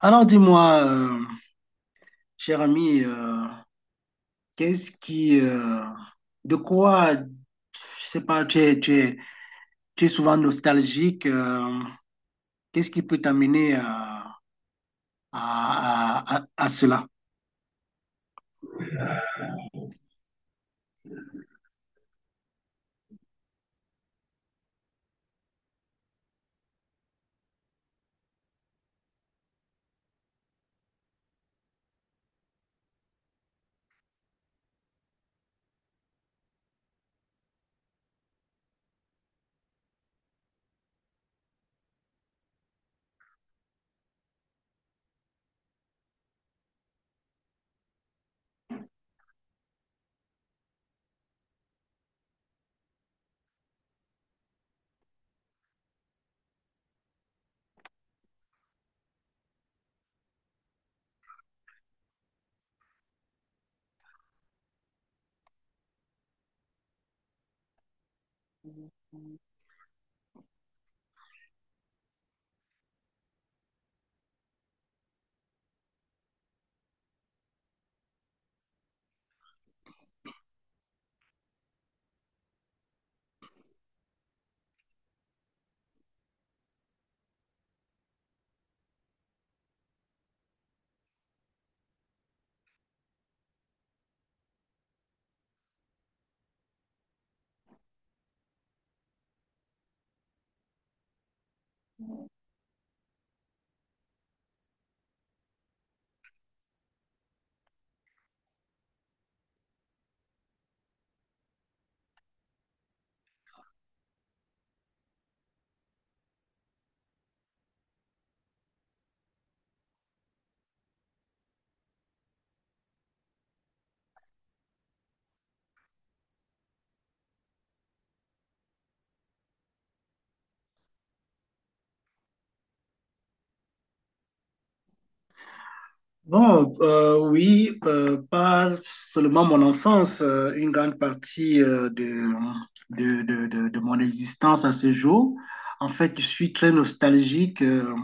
Alors dis-moi, cher ami, qu'est-ce qui, euh, de quoi, je sais pas, tu es souvent nostalgique, qu'est-ce qui peut t'amener à cela? Bon, oui, pas seulement mon enfance, une grande partie de mon existence à ce jour. En fait, je suis très nostalgique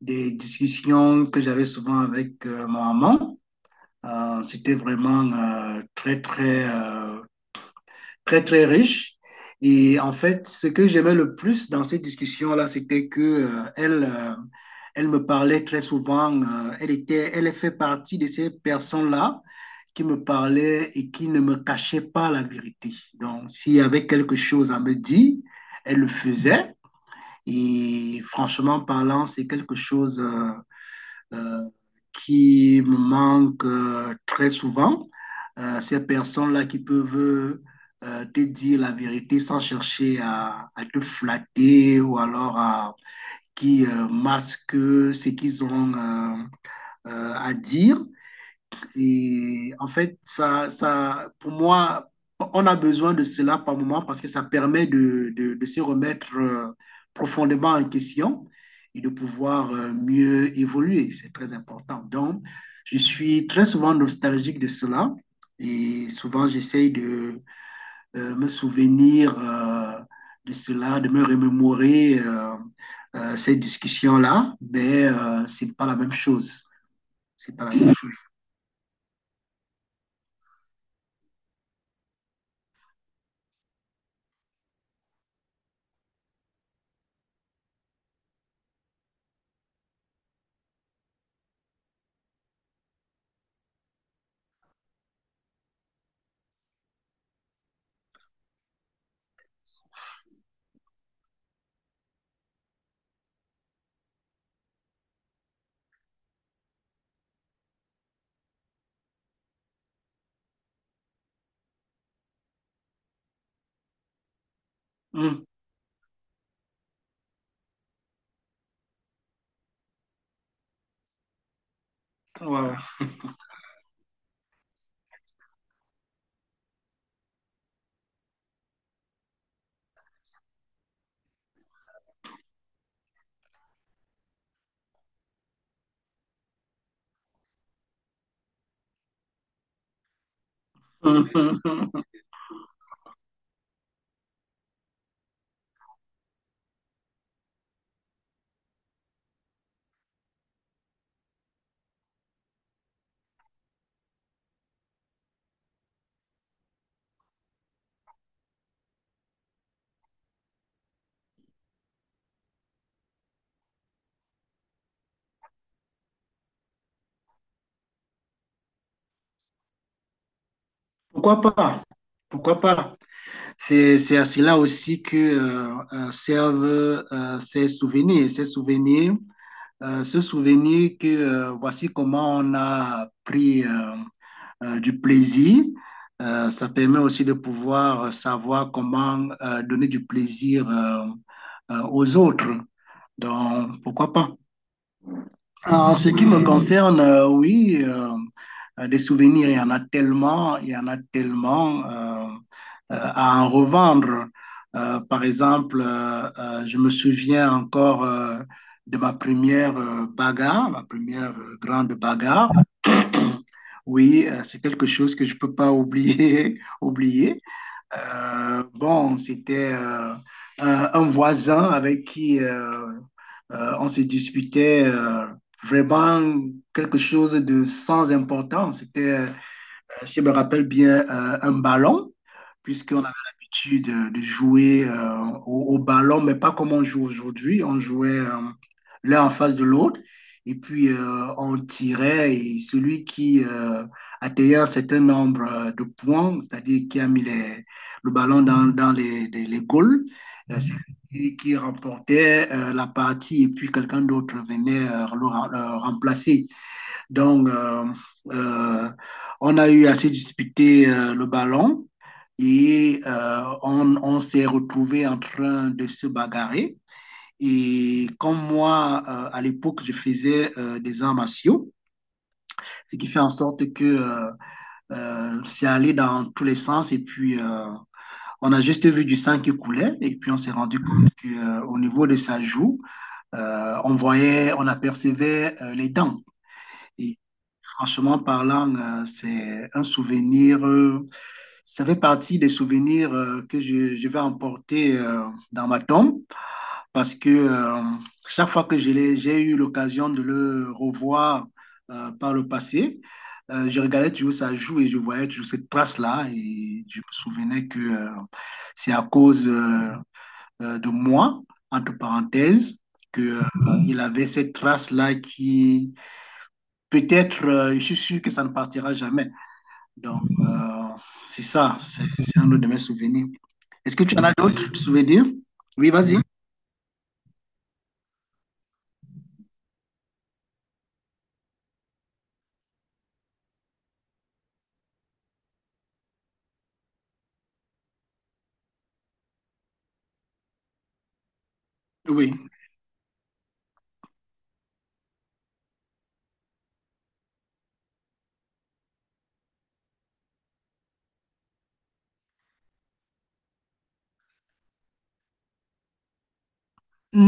des discussions que j'avais souvent avec ma maman. C'était vraiment euh, très, très, euh, très, très riche. Et en fait, ce que j'aimais le plus dans ces discussions-là, c'était que elle me parlait très souvent. Elle était, elle fait partie de ces personnes-là qui me parlaient et qui ne me cachaient pas la vérité. Donc, s'il y avait quelque chose à me dire, elle le faisait. Et franchement parlant, c'est quelque chose euh, qui me manquent très souvent. Ces personnes-là qui peuvent te dire la vérité sans chercher à te flatter ou alors à, qui masquent ce qu'ils ont à dire. Et en fait, ça, pour moi, on a besoin de cela par moment parce que ça permet de se remettre profondément en question et de pouvoir mieux évoluer. C'est très important. Donc, je suis très souvent nostalgique de cela et souvent j'essaye de me souvenir de cela, de me remémorer cette discussion-là, mais c'est pas la même chose. C'est pas la même chose. Mmh. Ouais, ouais. Pourquoi pas? Pourquoi pas? C'est à cela aussi que servent ces souvenirs. Ces souvenirs, ce souvenir que voici comment on a pris du plaisir. Ça permet aussi de pouvoir savoir comment donner du plaisir aux autres. Donc, pourquoi pas? En ce qui me concerne, oui, des souvenirs, il y en a tellement, il y en a tellement à en revendre. Par exemple, je me souviens encore de ma première bagarre, ma première grande bagarre. Oui, c'est quelque chose que je ne peux pas oublier, oublier. Bon, c'était un voisin avec qui on se disputait vraiment quelque chose de sans importance. C'était si je me rappelle bien, un ballon, puisqu'on avait l'habitude de jouer au ballon, mais pas comme on joue aujourd'hui. On jouait l'un en face de l'autre, et puis on tirait, et celui qui atteignait un certain nombre de points, c'est-à-dire qui a mis le ballon dans les goals, c'est lui qui remportait la partie, et puis quelqu'un d'autre venait le remplacer. Donc, euh, on a eu assez disputé le ballon et on s'est retrouvé en train de se bagarrer. Et comme moi, à l'époque, je faisais des arts martiaux, ce qui fait en sorte que c'est allé dans tous les sens. Et puis, on a juste vu du sang qui coulait. Et puis, on s'est rendu compte qu'au niveau de sa joue, on voyait, on apercevait les dents. Et franchement parlant, c'est un souvenir, ça fait partie des souvenirs que je vais emporter dans ma tombe parce que chaque fois que j'ai eu l'occasion de le revoir par le passé, je regardais toujours ça joue et je voyais toujours cette trace-là et je me souvenais que c'est à cause de moi, entre parenthèses, que, il avait cette trace-là peut-être, je suis sûr que ça ne partira jamais. Donc, c'est ça, c'est un de mes souvenirs. Est-ce que tu en as d'autres souvenirs? Oui, vas-y. Oui.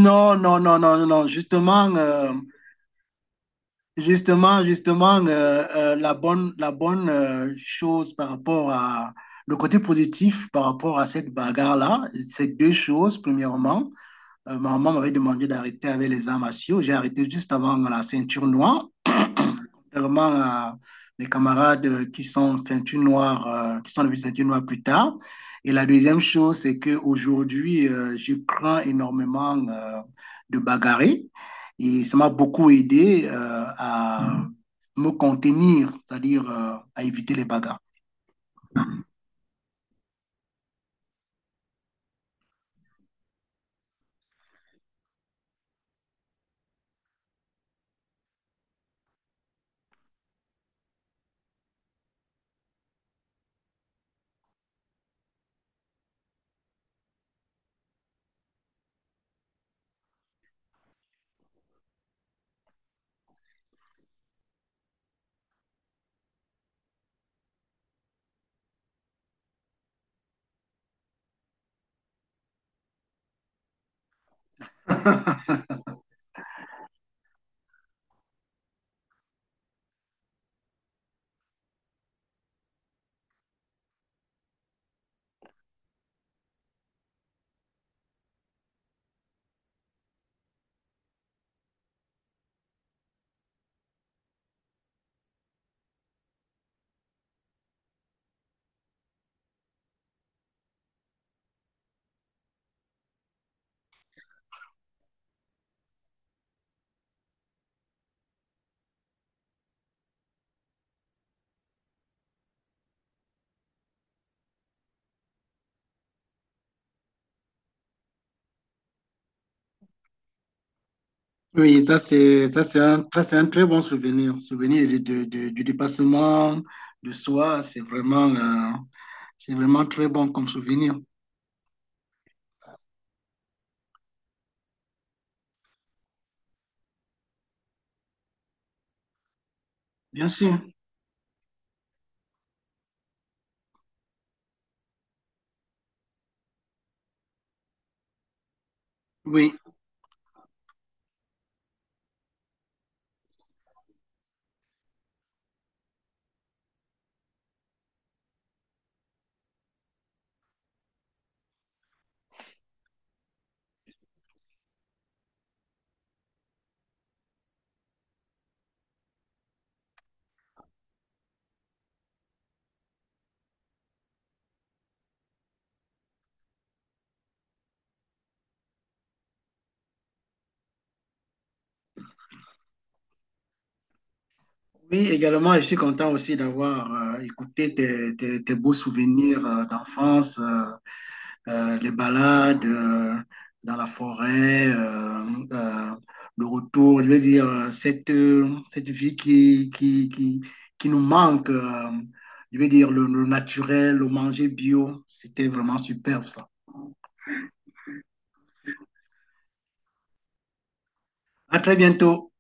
Non, non, non, non, non, non. Justement, justement, justement, la bonne chose par rapport à le côté positif par rapport à cette bagarre-là, c'est deux choses. Premièrement, ma maman m'avait demandé d'arrêter avec les arts martiaux. J'ai arrêté juste avant la ceinture noire. Vraiment, les camarades qui sont ceinture noire, qui sont devenus ceinture noire plus tard. Et la deuxième chose, c'est qu'aujourd'hui, je crains énormément de bagarrer. Et ça m'a beaucoup aidé à mmh. me contenir, c'est-à-dire à éviter les bagarres. Oui, ça c'est un très bon souvenir, souvenir du dépassement de soi, c'est vraiment très bon comme souvenir. Bien sûr. Oui, Oui, également, je suis content aussi d'avoir écouté tes beaux souvenirs d'enfance, les balades dans la forêt, euh, le retour, je veux dire, cette vie qui nous manque, je veux dire, le naturel, le manger bio, c'était vraiment superbe ça. À très bientôt.